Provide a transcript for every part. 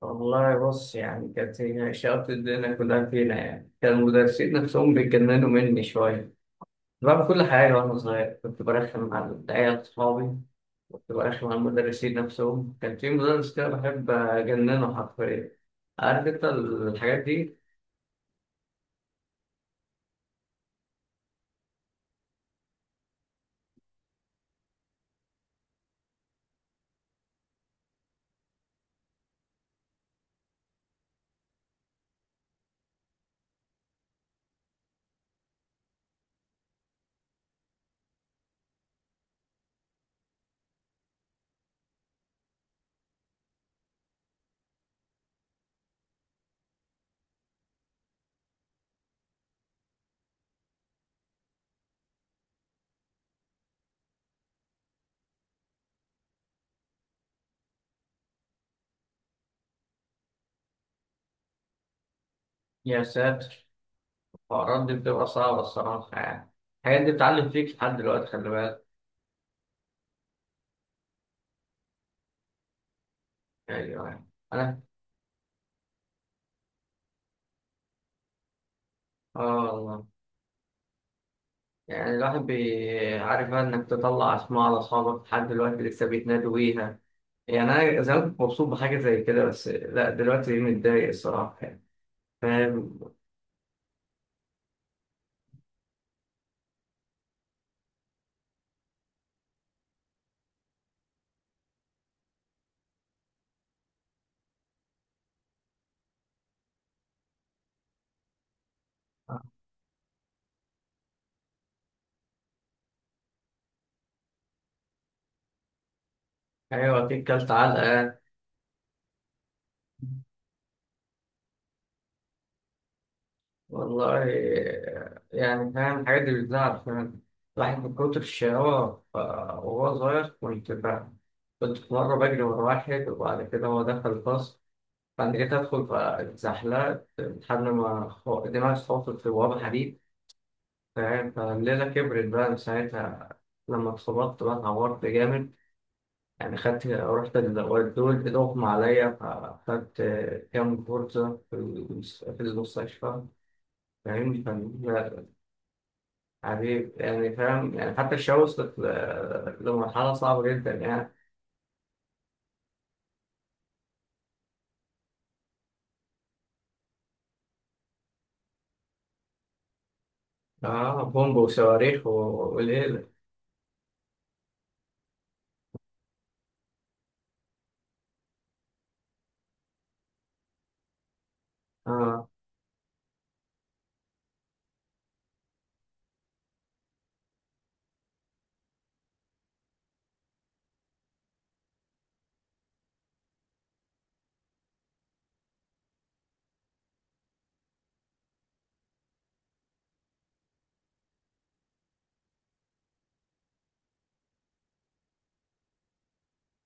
والله بص، يعني كانت هي شقة الدنيا كلها فينا. يعني كان المدرسين نفسهم بيتجننوا مني شوية. كنت بعمل كل حاجة وأنا صغير، كنت برخم على العيال صحابي، كنت برخم على المدرسين نفسهم. كان في مدرس كده بحب أجننه حرفيا. عارف أنت الحاجات دي. يا ساتر، الحوارات دي بتبقى صعبة الصراحة يعني. الحاجات دي بتعلم فيك لحد دلوقتي، خلي بالك. أيوه. أنا. آه والله. يعني الواحد عارف بقى إنك تطلع أسماء على أصحابك لحد دلوقتي لسه بيتنادوا بيها. يعني انا زمان كنت مبسوط بحاجه زي كده، بس لا، دلوقتي متضايق الصراحه يعني. فاهم. ايوه اكيد كلت علقه. والله. يعني فاهم، الحاجات دي بتزعل، فاهم. الواحد من كتر الشقاوة وهو صغير، كنت في مرة بجري ورا واحد، وبعد كده هو دخل الفصل، بعد كده أدخل فاتزحلقت لحد ما دماغي اتخبطت في بوابة حديد. فاهم، فالليلة كبرت بقى من ساعتها. لما اتخبطت بقى اتعورت جامد. يعني خدت، رحت الأوقات دول إضغطوا عليا. فخدت كام كورسة في في المستشفى. فاهمني يعني فاهم، يعني حتى الشباب وصلت لمرحلة صعبة جدا يعني. آه، بومب وصواريخ وليلة. آه،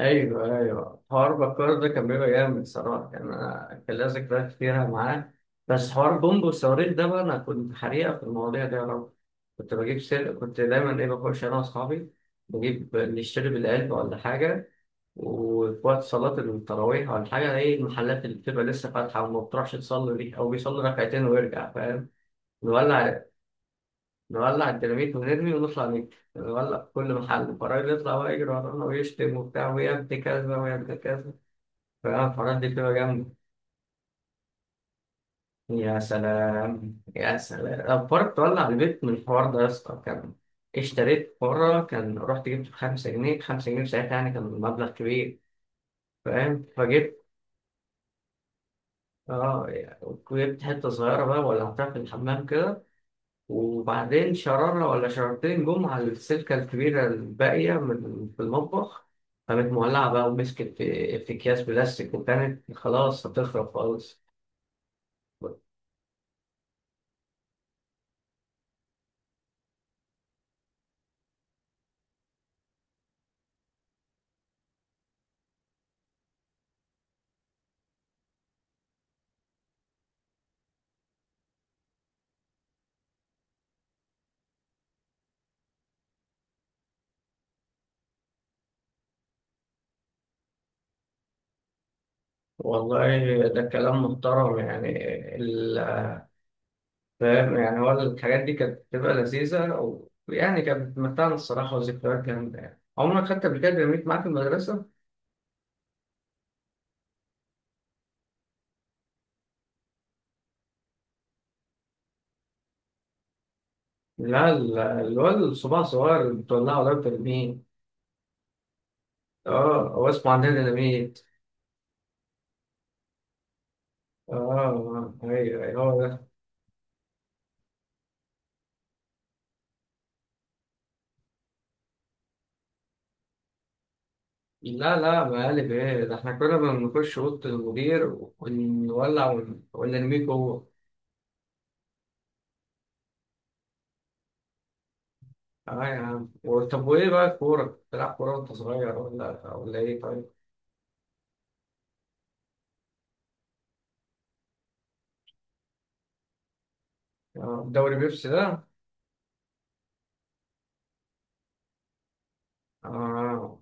ايوه ايوه، حوار بكار ده كان بيبقى جامد صراحه. كان أنا كان ليا ذكريات كتيره معاه. بس حوار بومب وصواريخ ده بقى، انا كنت حريقه في المواضيع دي يا رب. كنت بجيب كنت دايما ايه بخش انا واصحابي، بجيب نشتري بالقلب ولا حاجه. وفي وقت صلاه التراويح ولا حاجه، ايه، المحلات اللي بتبقى لسه فاتحه وما بتروحش تصلي دي، او بيصلي ركعتين ويرجع، فاهم. نولع. نولع الديناميت ونرمي ونطلع نجري. نولع في كل محل، فالراجل يطلع بقى يجري ورانا ويشتم وبتاع، ويا ابن كذا ويا ابن كذا. الحوارات دي بتبقى جامدة. يا سلام يا سلام، الفار تولع البيت من الحوار ده يا اسطى. كان اشتريت مرة، كان رحت جبت بخمسة جنيه، خمسة جنيه في ساعتها يعني كان مبلغ كبير. فاهم، فجبت. اه، جبت حتة صغيرة بقى ولعتها في الحمام كده، وبعدين شرارة ولا شرارتين جم على السلكة الكبيرة الباقية من في المطبخ. كانت مولعة بقى، ومسكت في أكياس بلاستيك وكانت خلاص هتخرب خالص. والله ده كلام محترم يعني. ال- فاهم، يعني هو الحاجات دي كانت بتبقى لذيذة ويعني كانت بتمتعنا الصراحة، وذكريات جامدة يعني. عمرك خدت قبل كده ديناميت معاك في المدرسة؟ لا، الواد الصباع صغير اللي بتولعه ده بترميه. اه، هو اسمه عندنا ديناميت. اه. آه، ايوه ايوه هو ده. لا لا، مقالب ايه ده، احنا كنا بنخش أوضة المدير ونولع ونرميه جوه. اه يا عم. طب وايه بقى الكورة؟ بتلعب كورة وانت صغير، ولا ولا ايه طيب؟ آه، دوري بيبسي ده. آه.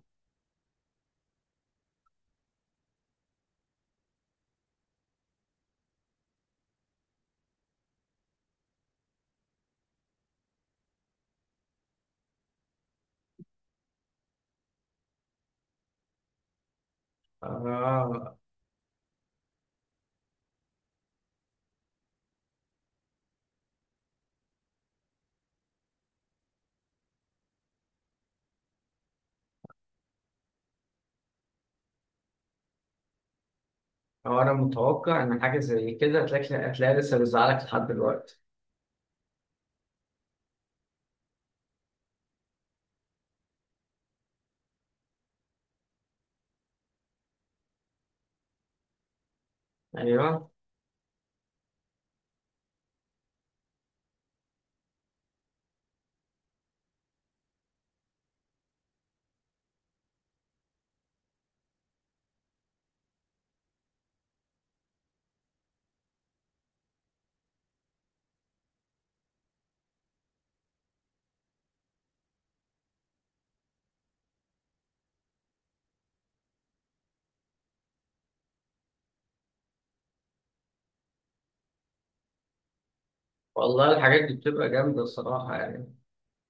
آه. آه، أنا متوقع إن حاجة زي كده هتلاقي، هتلاقي لسه بيزعلك لحد دلوقتي. أيوه. والله الحاجات دي بتبقى جامدة الصراحة يعني.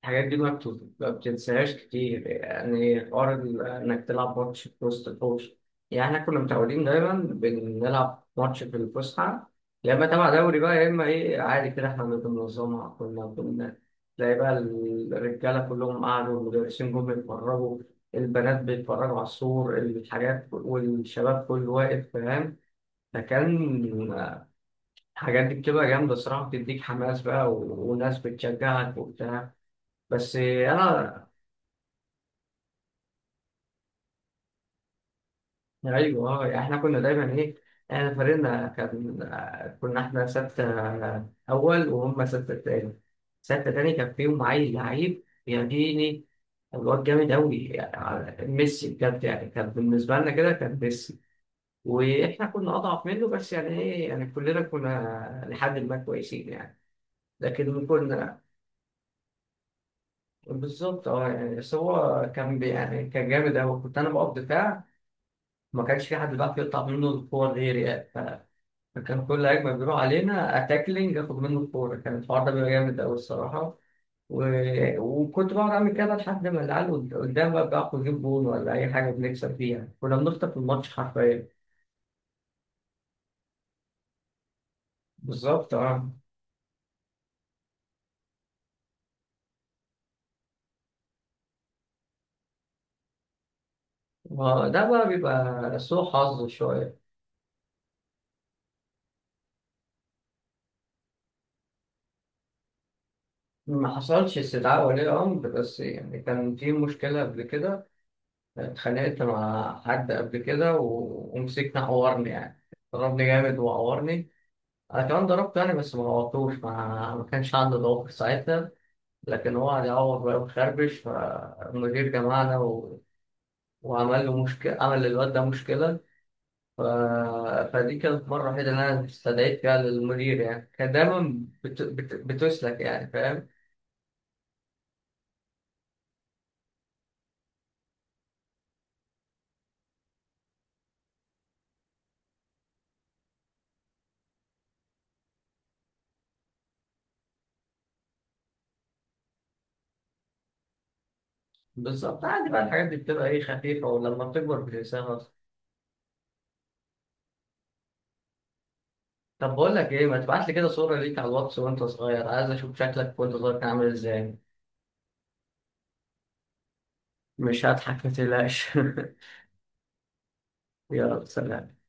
الحاجات دي ما بتنساهاش كتير، يعني حوار إنك تلعب ماتش في وسط الحوش. يعني إحنا كنا متعودين دايما بنلعب ماتش في الفسحة، يا إما تبع دوري بقى يا إما إيه، عادي كده إحنا اللي بننظمها. كنا تلاقي بقى الرجالة كلهم قعدوا، المدرسين جم يتفرجوا، البنات بيتفرجوا على السور الحاجات، والشباب كله واقف، فاهم. فكان الحاجات دي بتبقى جامدة صراحة، بتديك حماس بقى وناس بتشجعك وبتاع. بس أنا. ايوه اه، يعني احنا كنا دايما ايه، احنا فريقنا كان آه، كنا احنا ستة، آه، اول وهم ستة تاني. ستة تاني كان فيهم عيل لعيب يعجبني، الواد جامد قوي يعني، ميسي بجد يعني، كان بالنسبة لنا كده كان ميسي. واحنا كنا اضعف منه، بس يعني ايه يعني كلنا كنا لحد ما كويسين يعني. لكن كنا. بالظبط، اه يعني. بس هو كان يعني كان جامد قوي. كنت انا بقف دفاع، ما كانش في حد بيعرف يقطع منه الكور غيري يعني. فكان كل هجمة بيروح علينا أتاكلينج آخد منه الكورة، كان الحوار ده بيبقى جامد أوي الصراحة. و... وكنت بقعد أعمل كده لحد ما العيال قدام بقى بيعرفوا يجيب جول ولا أي حاجة بنكسب فيها، كنا بنخطف الماتش حرفيا. بالظبط أه. ما ده بقى بيبقى سوء حظ شوية. ما حصلش استدعاء ولي أمر، بس يعني كان في مشكلة قبل كده. اتخانقت مع حد قبل كده، و... ومسكنا عورني يعني. ضربني جامد وعورني، انا كمان ضربت يعني، بس ما غلطتوش، ما كانش عنده ضوافر ساعتها. لكن هو قعد يعوض بقى وخربش، فالمدير جمعنا، و... وعمل له مشكله، عمل للواد ده مشكله. ف... فدي كانت المره الوحيده اللي انا استدعيت فيها للمدير. يعني كان دايما بتسلك يعني، فاهم. بالظبط، عادي بقى الحاجات دي بتبقى ايه خفيفه، ولما بتكبر بتنساها اصلا. طب بقول لك ايه، ما تبعت لي كده صوره ليك على الواتس وانت صغير، عايز اشوف شكلك وانت صغير كان عامل ازاي. مش هضحك، ما تقلقش. يلا سلام.